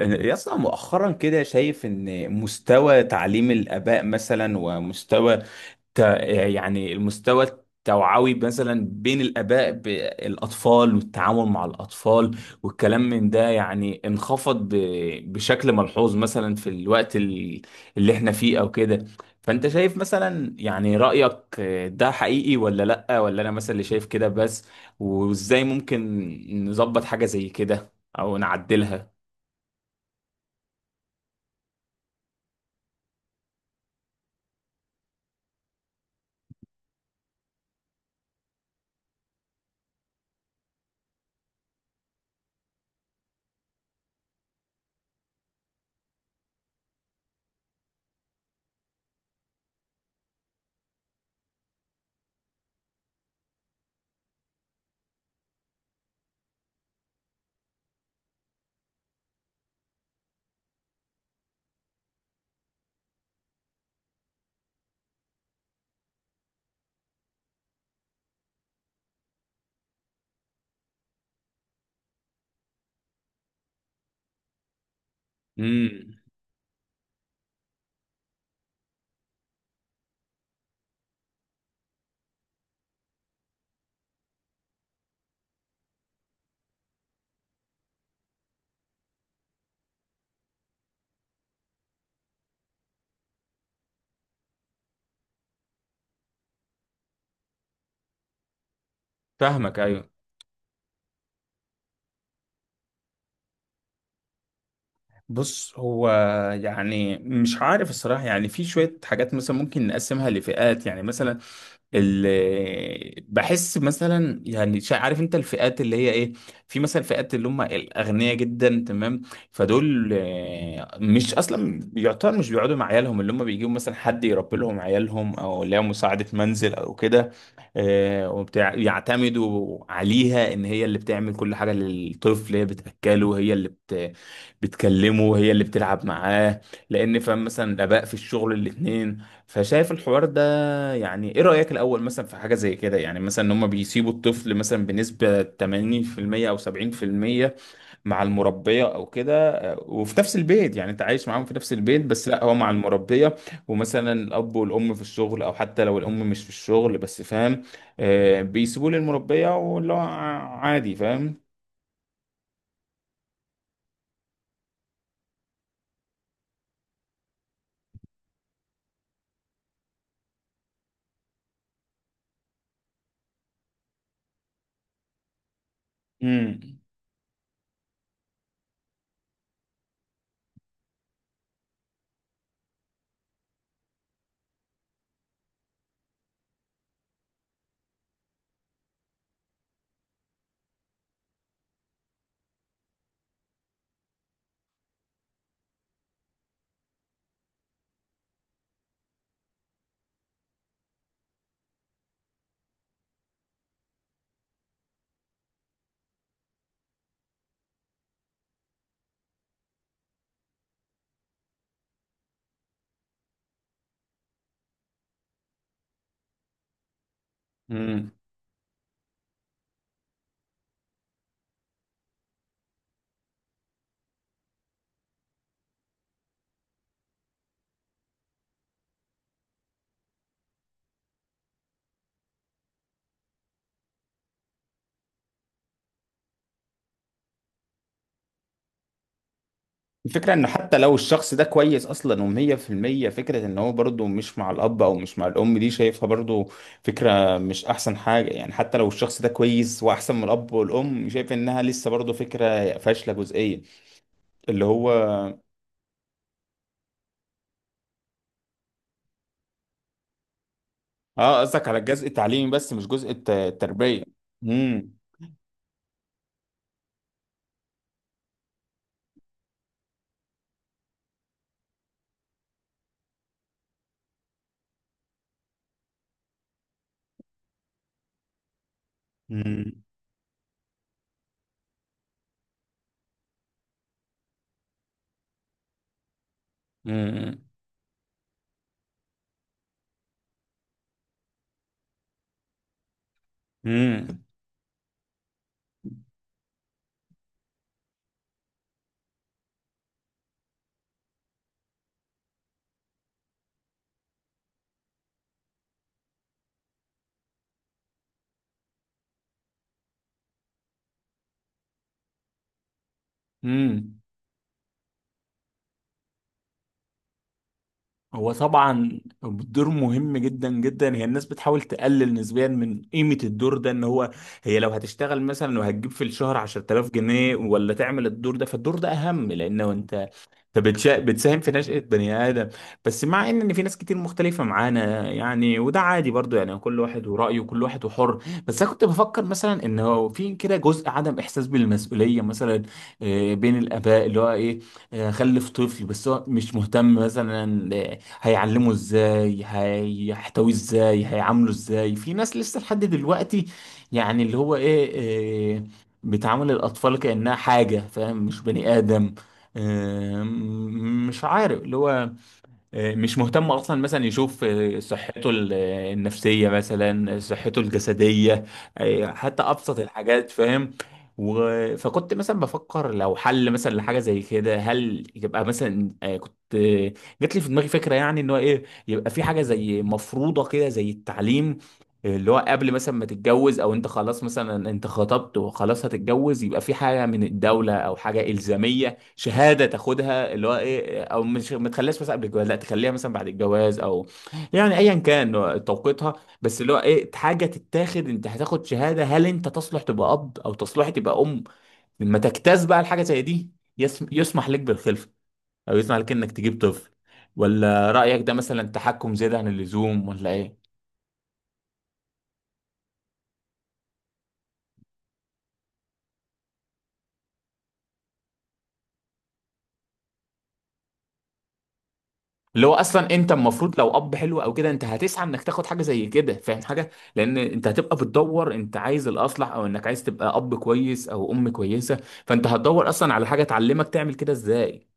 يا اسطى، مؤخرا كده شايف ان مستوى تعليم الآباء مثلا ومستوى ت... يعني المستوى التوعوي مثلا بين الآباء بالأطفال والتعامل مع الأطفال والكلام من ده يعني انخفض بشكل ملحوظ مثلا في الوقت اللي احنا فيه أو كده. فأنت شايف مثلا يعني رأيك ده حقيقي ولا لأ، ولا أنا مثلا اللي شايف كده بس؟ وإزاي ممكن نظبط حاجة زي كده أو نعدلها؟ امم. فاهمك، ايوه. بص، هو يعني مش عارف الصراحه، يعني في شويه حاجات مثلا ممكن نقسمها لفئات. يعني مثلا بحس مثلا يعني عارف انت الفئات اللي هي ايه. في مثلا فئات اللي هم الاغنياء جدا، تمام؟ فدول مش اصلا يعتبر، مش بيقعدوا مع عيالهم، اللي هم بيجيبوا مثلا حد يربي لهم عيالهم، او اللي هي مساعده منزل او كده، وبتاع. يعتمدوا عليها ان هي اللي بتعمل كل حاجه للطفل، هي بتاكله، هي اللي بتكلمه، هي اللي بتلعب معاه، لان فاهم مثلا الاباء في الشغل الاثنين. فشايف الحوار ده، يعني ايه رأيك الاول مثلا في حاجة زي كده؟ يعني مثلا ان هم بيسيبوا الطفل مثلا بنسبة 80% او 70% مع المربية او كده، وفي نفس البيت. يعني انت عايش معاهم في نفس البيت، بس لا، هو مع المربية ومثلا الاب والام في الشغل، او حتى لو الام مش في الشغل، بس فاهم، بيسيبوه للمربية، واللي هو عادي، فاهم. امم. الفكرة انه حتى لو الشخص ده كويس اصلا ومية في المية، فكرة ان هو برضه مش مع الاب او مش مع الام دي شايفها برضه فكرة مش احسن حاجة. يعني حتى لو الشخص ده كويس واحسن من الاب والام، شايف انها لسه برضه فكرة فاشلة جزئيا، اللي هو. اه، قصدك على الجزء التعليمي بس، مش جزء التربية؟ امم. امم. امم. امم. هو طبعا الدور مهم جدا جدا. هي الناس بتحاول تقلل نسبيا من قيمة الدور ده، ان هو هي لو هتشتغل مثلا وهتجيب في الشهر 10,000 جنيه، ولا تعمل الدور ده، فالدور ده اهم، لانه انت بتساهم في نشأة بني آدم. بس مع ان إن في ناس كتير مختلفة معانا يعني، وده عادي برضو، يعني كل واحد ورأيه، كل واحد وحر. بس انا كنت بفكر مثلا ان هو في كده جزء عدم احساس بالمسؤولية مثلا، بين الآباء، اللي هو ايه، خلف طفل بس هو مش مهتم مثلا، هيعلمه ازاي، هيحتويه ازاي، هيعامله ازاي. في ناس لسه لحد دلوقتي، يعني اللي هو ايه، بتعامل الأطفال كأنها حاجة فاهم، مش بني آدم. مش عارف اللي هو، مش مهتم اصلا مثلا يشوف صحته النفسيه مثلا، صحته الجسديه، حتى ابسط الحاجات، فاهم. فكنت مثلا بفكر لو حل مثلا لحاجه زي كده، هل يبقى مثلا كنت جات لي في دماغي فكره، يعني ان هو ايه، يبقى في حاجه زي مفروضه كده زي التعليم، اللي هو قبل مثلا ما تتجوز، او انت خلاص مثلا انت خطبت وخلاص هتتجوز، يبقى في حاجه من الدوله او حاجه الزاميه، شهاده تاخدها، اللي هو ايه، او مش ما تخليهاش مثلا قبل الجواز، لا، تخليها مثلا بعد الجواز، او يعني ايا كان توقيتها، بس اللي هو ايه حاجه تتاخد. انت هتاخد شهاده، هل انت تصلح تبقى اب او تصلح تبقى ام، لما تجتاز بقى الحاجه زي دي يسمح لك بالخلفه، او يسمح لك انك تجيب طفل. ولا رايك ده مثلا تحكم زياده عن اللزوم، ولا ايه؟ اللي هو اصلا انت المفروض لو اب حلو او كده، انت هتسعى انك تاخد حاجه زي كده فاهم، حاجه، لان انت هتبقى بتدور، انت عايز الاصلح، او انك عايز تبقى اب كويس او ام كويسه، فانت هتدور اصلا على حاجه تعلمك تعمل كده ازاي.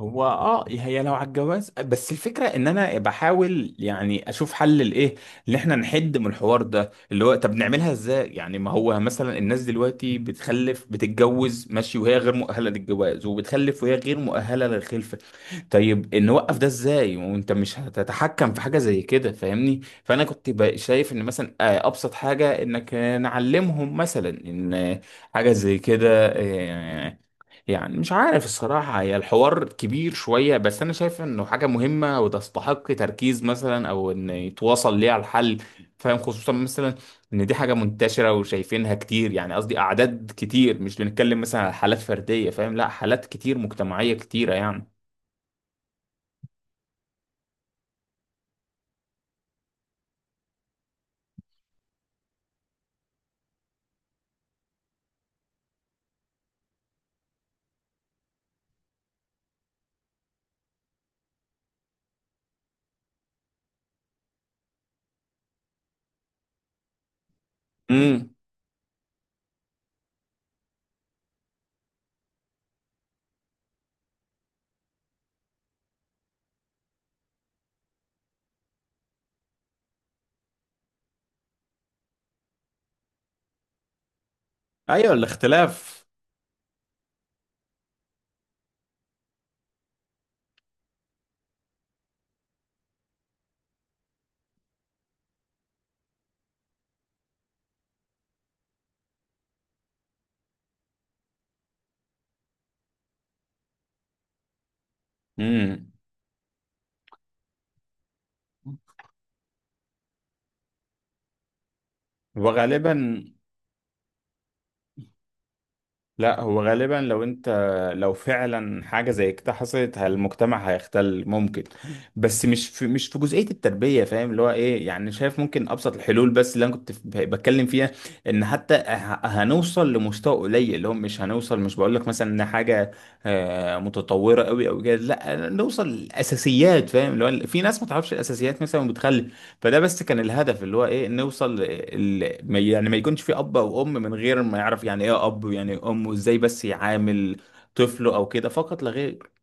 هو هي لو على الجواز بس، الفكره ان انا بحاول يعني اشوف حل لايه، ان احنا نحد من الحوار ده، اللي هو طب نعملها ازاي يعني؟ ما هو مثلا الناس دلوقتي بتخلف، بتتجوز ماشي وهي غير مؤهله للجواز، وبتخلف وهي غير مؤهله للخلفه. طيب نوقف ده ازاي؟ وانت مش هتتحكم في حاجه زي كده، فاهمني. فانا كنت بقى شايف ان مثلا ابسط حاجه انك نعلمهم مثلا ان حاجه زي كده، آه، يعني مش عارف الصراحة، هي الحوار كبير شوية بس أنا شايف إنه حاجة مهمة، وتستحق تركيز مثلا، أو إن يتواصل ليها الحل فاهم، خصوصا مثلا إن دي حاجة منتشرة وشايفينها كتير. يعني قصدي أعداد كتير، مش بنتكلم مثلا على حالات فردية فاهم، لا، حالات كتير، مجتمعية كتيرة يعني. امم. ايوه، الاختلاف. امم. وغالبا لا، هو غالبا لو انت، لو فعلا حاجه زي كده حصلت، المجتمع هيختل ممكن. بس مش في جزئيه التربيه فاهم. اللي هو ايه يعني، شايف ممكن ابسط الحلول بس، اللي انا كنت بتكلم فيها، ان حتى هنوصل لمستوى قليل، اللي هو مش هنوصل، مش بقول لك مثلا ان حاجه متطوره قوي او كده، لا، نوصل لاساسيات فاهم، اللي هو في ناس ما تعرفش الاساسيات مثلا وبتخلي. فده بس كان الهدف، اللي هو ايه، نوصل يعني ما يكونش في اب او ام من غير ما يعرف يعني ايه اب ويعني ايه ام، وازاي بس يعامل طفله او كده، فقط لا غير.